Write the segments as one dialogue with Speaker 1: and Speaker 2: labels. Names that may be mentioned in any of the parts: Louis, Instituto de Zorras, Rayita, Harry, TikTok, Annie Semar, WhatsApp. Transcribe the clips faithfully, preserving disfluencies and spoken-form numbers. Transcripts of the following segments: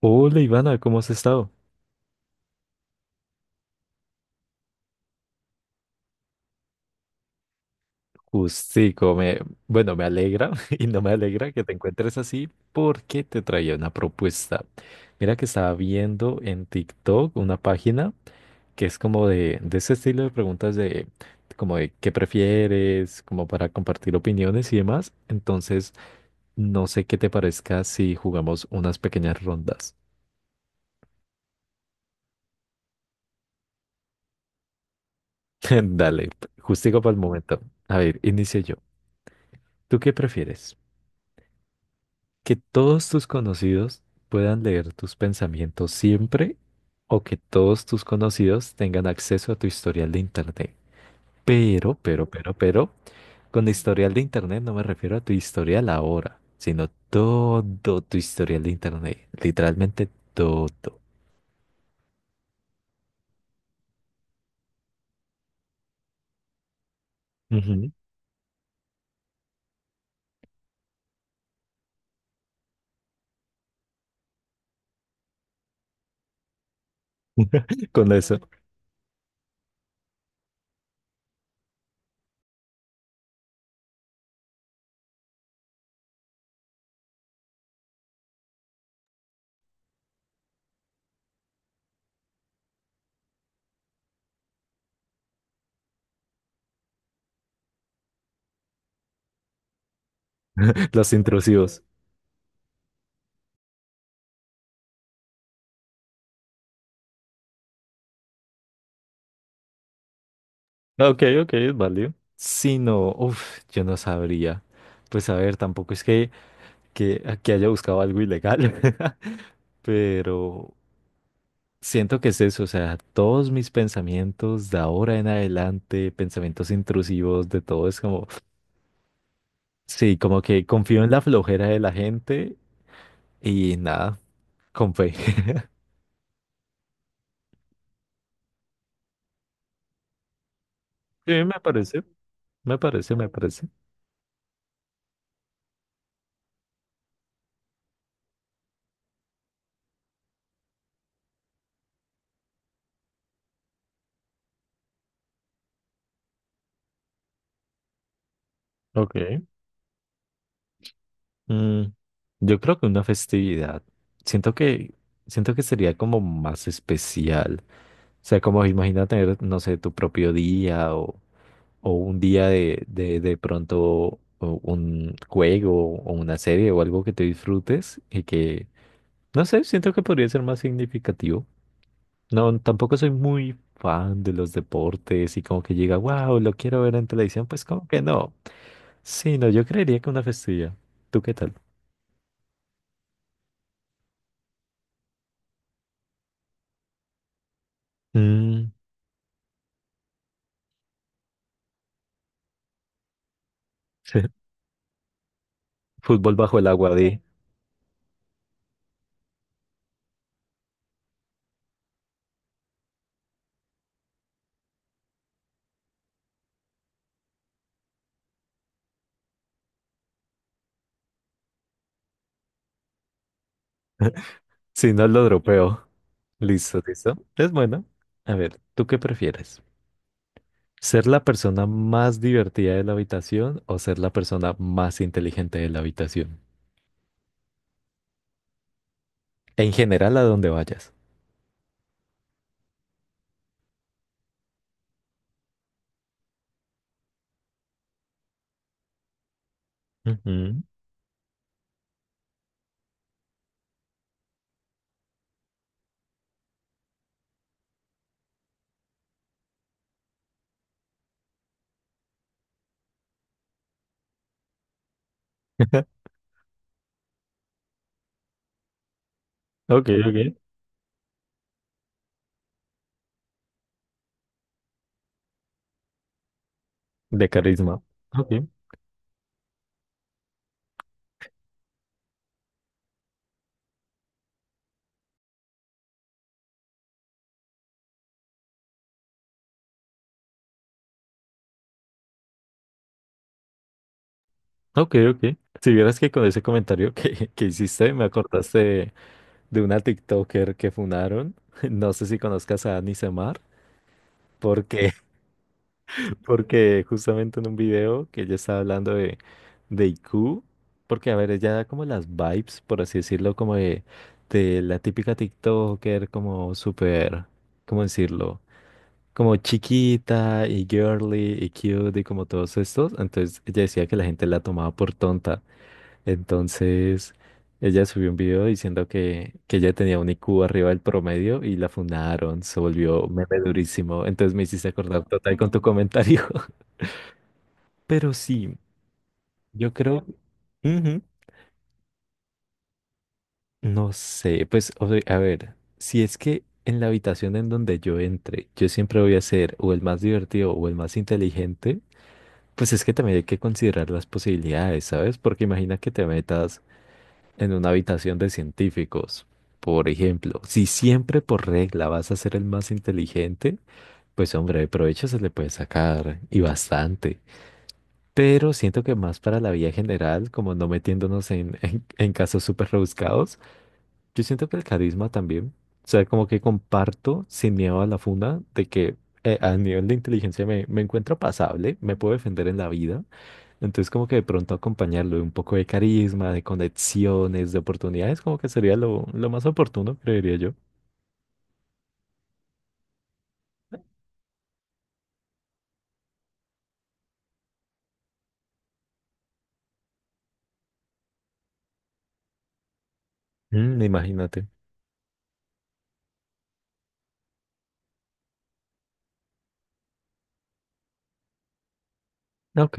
Speaker 1: Hola Ivana, ¿cómo has estado? Justico, me, bueno, me alegra y no me alegra que te encuentres así porque te traía una propuesta. Mira que estaba viendo en TikTok una página que es como de, de ese estilo de preguntas de como de qué prefieres, como para compartir opiniones y demás. Entonces, no sé qué te parezca si jugamos unas pequeñas rondas. Dale, justico para el momento. A ver, inicio yo. ¿Tú qué prefieres? Que todos tus conocidos puedan leer tus pensamientos siempre o que todos tus conocidos tengan acceso a tu historial de internet. Pero, pero, pero, pero, con historial de internet no me refiero a tu historial ahora, sino todo tu historial de internet. Literalmente todo. Ujú. Con eso, los intrusivos. Ok, ok, es válido. Si no, uff, yo no sabría. Pues a ver, tampoco es que, que, que haya buscado algo ilegal. Pero siento que es eso, o sea, todos mis pensamientos de ahora en adelante, pensamientos intrusivos, de todo, es como, sí, como que confío en la flojera de la gente y nada, con fe. Sí, me parece, me parece, me parece. Ok. Mm, yo creo que una festividad, siento que, siento que sería como más especial. O sea, como imagina tener, no sé, tu propio día o o un día de, de, de pronto o un juego o una serie o algo que te disfrutes y que, no sé, siento que podría ser más significativo. No, tampoco soy muy fan de los deportes y como que llega, wow, lo quiero ver en televisión, pues como que no. Sí, no, yo creería que una festividad. ¿Tú qué tal? Mm, sí, fútbol bajo el agua, di. Si no lo dropeo. Listo, listo. Es bueno. A ver, ¿tú qué prefieres? ¿Ser la persona más divertida de la habitación o ser la persona más inteligente de la habitación? En general, a donde vayas. Ujú. Ok, ok. De carisma. Ok, ok, ok. Si vieras que con ese comentario que, que hiciste me acordaste de, de una TikToker que funaron, no sé si conozcas a Annie Semar, porque porque justamente en un video que ella estaba hablando de, de I Q, porque a ver, ella da como las vibes, por así decirlo, como de, de la típica TikToker, como súper, ¿cómo decirlo? Como chiquita y girly y cute y como todos estos. Entonces ella decía que la gente la tomaba por tonta. Entonces ella subió un video diciendo que, que ella tenía un I Q arriba del promedio y la fundaron, se volvió meme durísimo. Entonces me hiciste acordar total con tu comentario. Pero sí, yo creo, ujú, no sé, pues o sea, a ver, si es que en la habitación en donde yo entre, yo siempre voy a ser o el más divertido o el más inteligente, pues es que también hay que considerar las posibilidades, ¿sabes? Porque imagina que te metas en una habitación de científicos, por ejemplo, si siempre por regla vas a ser el más inteligente, pues hombre, de provecho se le puede sacar y bastante. Pero siento que más para la vida general, como no metiéndonos en, en, en casos súper rebuscados, yo siento que el carisma también, o sea, como que comparto sin miedo a la funda de que eh, a nivel de inteligencia me, me encuentro pasable, me puedo defender en la vida, entonces como que de pronto acompañarlo de un poco de carisma, de conexiones, de oportunidades, como que sería lo, lo más oportuno, creería yo. Mm, imagínate. Ok.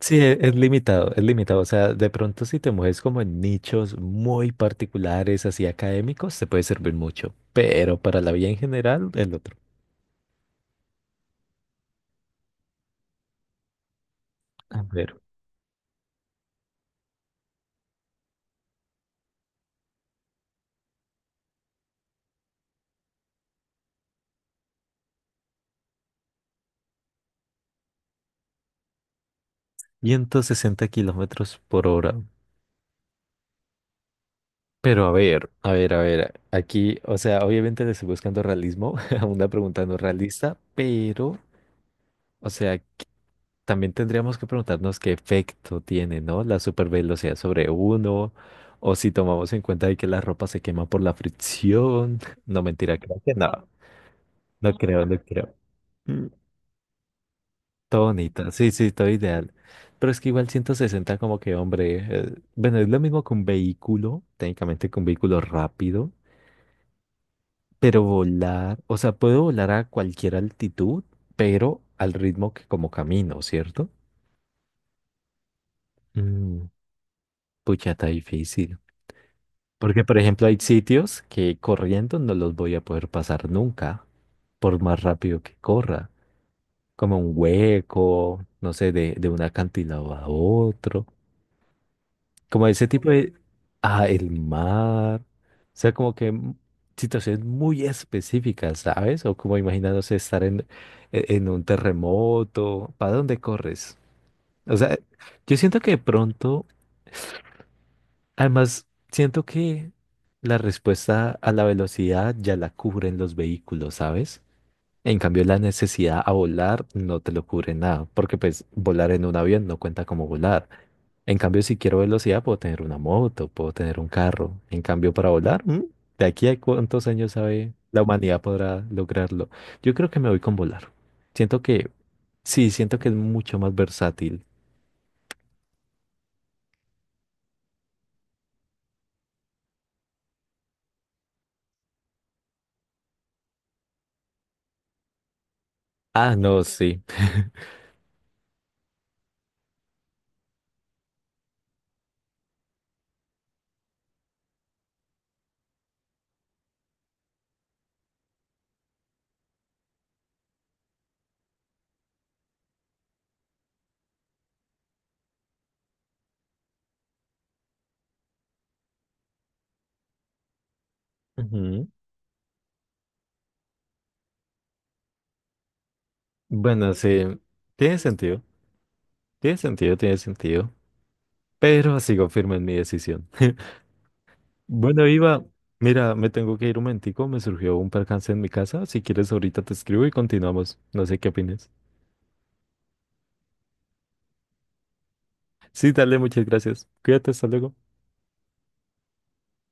Speaker 1: Sí, e- es limitado, es limitado. O sea, de pronto si te mueves como en nichos muy particulares, así académicos, te puede servir mucho. Pero para la vía en general, el otro. A ver, ciento sesenta kilómetros por hora. Pero a ver, a ver, a ver. Aquí, o sea, obviamente le estoy buscando realismo a una pregunta no realista, pero, o sea, también tendríamos que preguntarnos qué efecto tiene, ¿no? La supervelocidad sobre uno, o si tomamos en cuenta de que la ropa se quema por la fricción. No, mentira, creo que no. No creo, no creo. Mm, todo bonito, sí, sí, todo ideal. Pero es que igual ciento sesenta como que, hombre, eh, bueno, es lo mismo que un vehículo, técnicamente que un vehículo rápido, pero volar, o sea, puedo volar a cualquier altitud, pero al ritmo que como camino, ¿cierto? Mm, pucha, está difícil. Porque, por ejemplo, hay sitios que corriendo no los voy a poder pasar nunca, por más rápido que corra, como un hueco, no sé, de, de un acantilado a otro, como ese tipo de... Ah, el mar. O sea, como que m- situaciones muy específicas, ¿sabes? O como imaginándose estar en, e- en un terremoto, ¿para dónde corres? O sea, yo siento que de pronto... Además, siento que la respuesta a la velocidad ya la cubren los vehículos, ¿sabes? En cambio, la necesidad a volar no te lo cubre nada, porque pues volar en un avión no cuenta como volar. En cambio, si quiero velocidad, puedo tener una moto, puedo tener un carro. En cambio, para volar, ¿mm? ¿De aquí a cuántos años sabe la humanidad podrá lograrlo? Yo creo que me voy con volar. Siento que, sí, siento que es mucho más versátil. Ah, no, sí. Ujú. Bueno, sí, tiene sentido. Tiene sentido, tiene sentido. Pero sigo firme en mi decisión. Bueno, Iva, mira, me tengo que ir un momentico. Me surgió un percance en mi casa. Si quieres, ahorita te escribo y continuamos. No sé qué opinas. Sí, dale, muchas gracias. Cuídate, hasta luego.